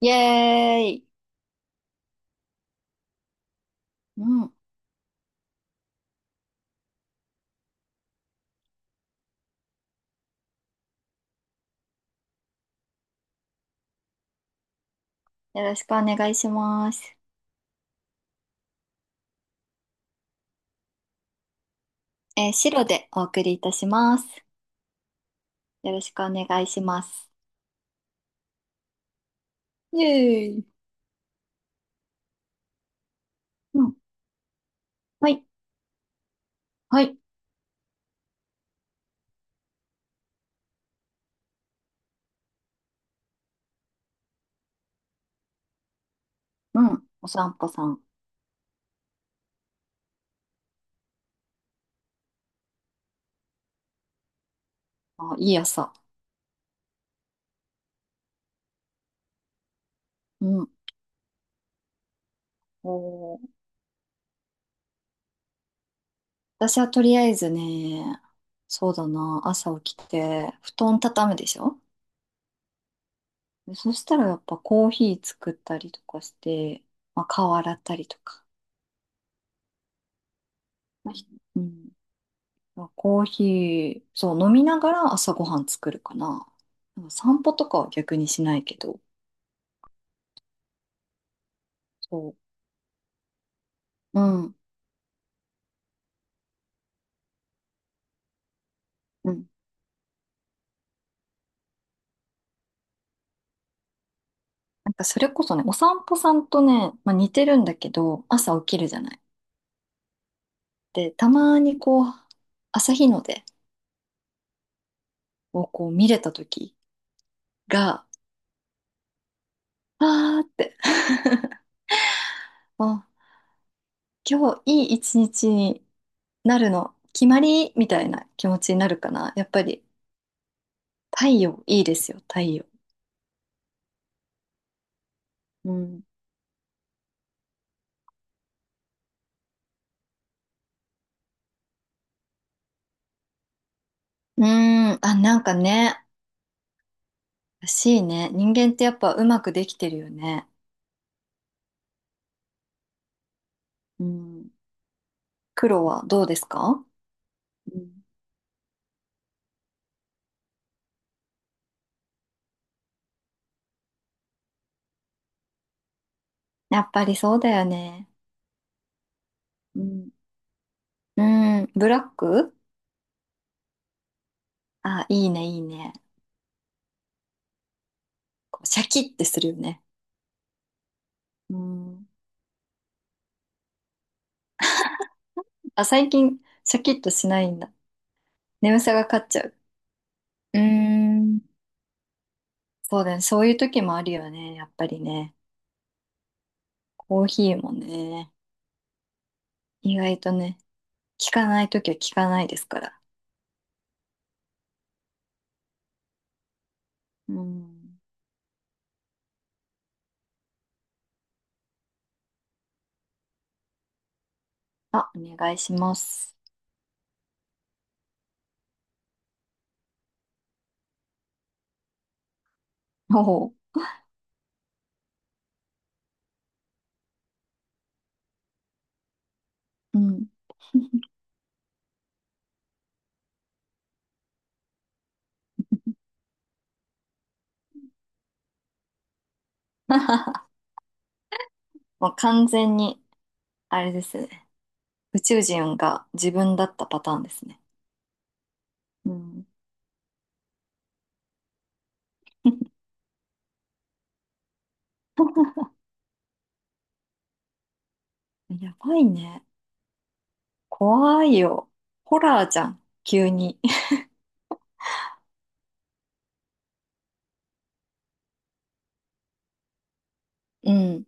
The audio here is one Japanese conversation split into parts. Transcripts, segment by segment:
イエーイ。うん。よろしくお願いします。白でお送りいたします。よろしくお願いします。イエーイ。うん。はい。はい。うん。お散歩さん。あ、いい朝。うん。おー、私はとりあえずね、そうだな、朝起きて、布団畳むでしょ。でそしたらやっぱコーヒー作ったりとかして、まあ、顔洗ったりとか。まあひうん。まあ、コーヒー、そう、飲みながら朝ごはん作るかな。なんか散歩とかは逆にしないけど。そう。うん。うん。なんかそれこそね、お散歩さんとね、まあ、似てるんだけど、朝起きるじゃない。で、たまにこう、朝日の出をこう見れた時が、あーって、あ、今日いい一日になるの、決まりみたいな気持ちになるかな。やっぱり、太陽いいですよ、太陽。うん。うーん、あ、なんかね、らしいね。人間ってやっぱうまくできてるよね。うん。黒はどうですか？うん。やっぱりそうだよね。うん。うん。ブラック。あ、いいね、いいね。こうシャキッてするよね。うん。あ、最近、シャキッとしないんだ。眠さが勝っちゃう。うーん。そうだね。そういう時もあるよね。やっぱりね。コーヒーもね。意外とね、効かない時は効かないですから。うん。あ、お願いします。おお。うん。もう完全に、あれですね。宇宙人が自分だったパターンですね。うん。やばいね。怖いよ。ホラーじゃん。急に。うん。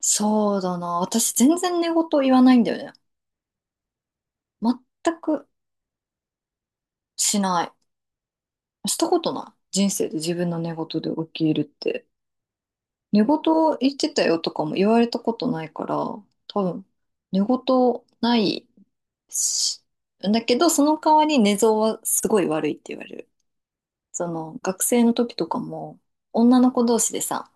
そうだな。私全然寝言言わないんだよね。全くしない。したことない。人生で自分の寝言で起きるって。寝言言ってたよとかも言われたことないから、多分、寝言ないし。だけど、その代わり寝相はすごい悪いって言われる。その学生の時とかも、女の子同士でさ、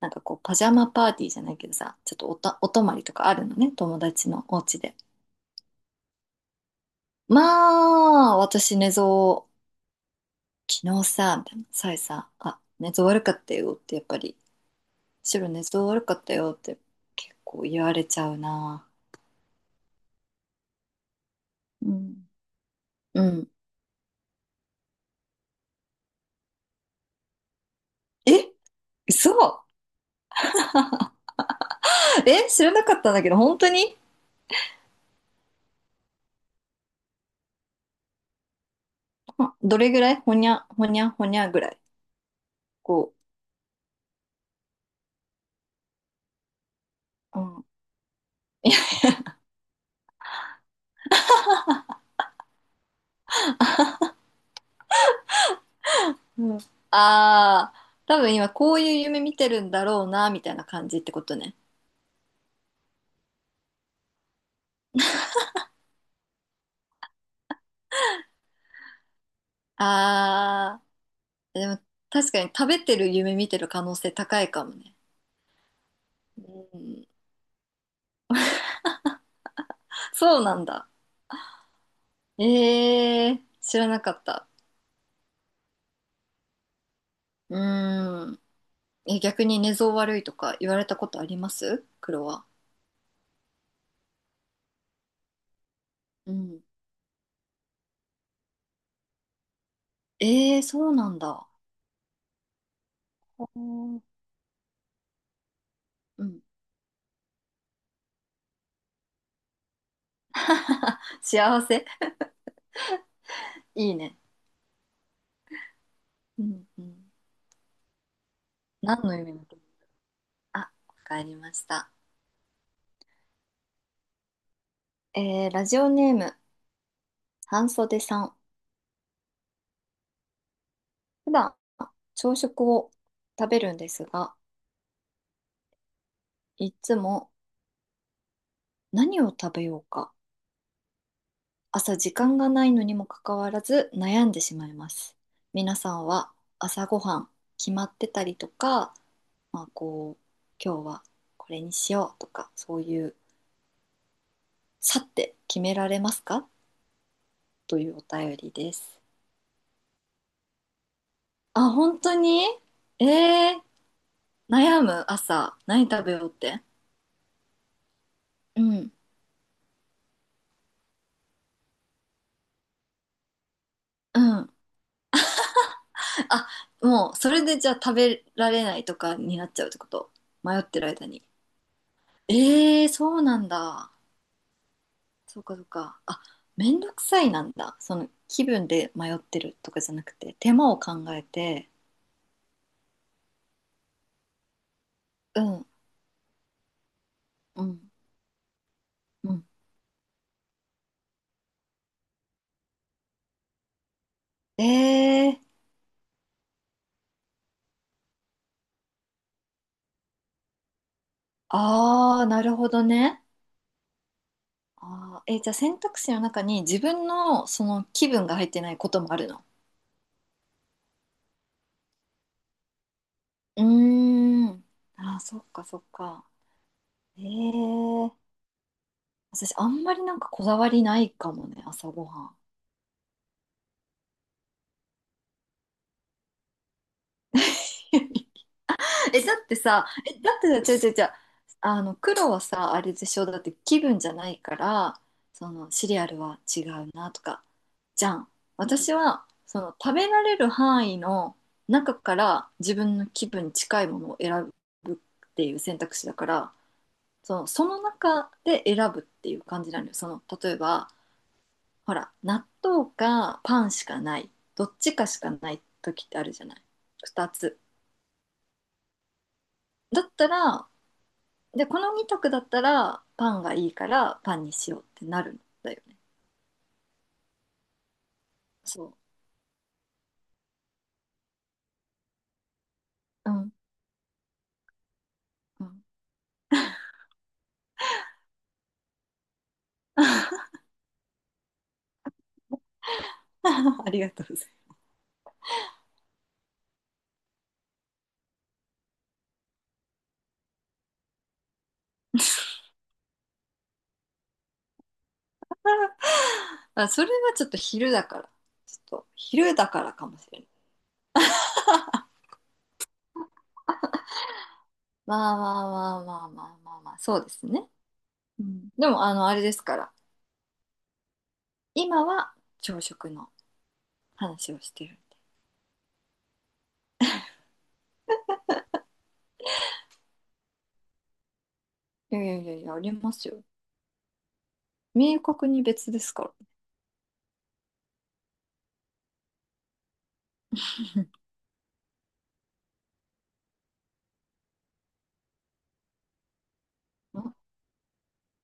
なんかこうパジャマパーティーじゃないけどさ、ちょっとおた、お泊まりとかあるのね、友達のお家で。まあ、私寝相、昨日さ、みたいな、さえさ、あ、寝相悪かったよって、やっぱり、白寝相悪かったよって結構言われちゃうな。うん。うん。え、嘘？ え、知らなかったんだけど、本当に？あ、どれぐらい？ほにゃぐらい？こう、うん。うん、ああ、多分今こういう夢見てるんだろうな、みたいな感じってことね。ああ、でも確かに食べてる夢見てる可能性高いかもね。うん、そうなんだ。ええ、知らなかった。うーん。え、逆に寝相悪いとか言われたことあります、黒は？うん。ええ、そうなんだ。うん。うん、幸せ。いいね。うんうん。何の夢の時？あ、わかりました。えー、ラジオネーム、半袖さん。普段、朝食を食べるんですが、いつも何を食べようか、朝時間がないのにもかかわらず悩んでしまいます。皆さんは朝ごはん決まってたりとか、まあこう、今日はこれにしようとか、そういう、さって決められますか、というお便りです。あ、本当に？えー、悩む朝、何食べようって。うん。うん。あ、もう、それでじゃあ食べられないとかになっちゃうってこと？迷ってる間に。ええー、そうなんだ。そうかそうか。あ、めんどくさいなんだ。その気分で迷ってるとかじゃなくて、手間を考えて、うん、うん、うん。ええー、あー、なるほどね。あー、えー、じゃあ選択肢の中に自分のその気分が入ってないこともあるの？うーん。あー、そっかそっか。ええ、私、あんまりなんかこだわりないかもね、朝ごはん。え、だってさ、え、だってさ、違う、違う、違う。あの、黒はさ、あれでしょ、だって気分じゃないから、その、シリアルは違うなとか、じゃん。私は、その、食べられる範囲の中から自分の気分に近いものを選ぶっていう選択肢だから、その、その中で選ぶっていう感じなのよ。その、例えば、ほら、納豆かパンしかない、どっちかしかない時ってあるじゃない。2つ。だったら、で、この2択だったら、パンがいいからパンにしようってなるんだよね。そう。うん。うん。ありがとうございます。あ、それはちょっと昼だから。ちょっと昼だからかもしれない。まあ、そうですね。うん、でも、あの、あれですから、今は朝食の話をしてる。いやいやいやいや、ありますよ。明確に別ですから。あ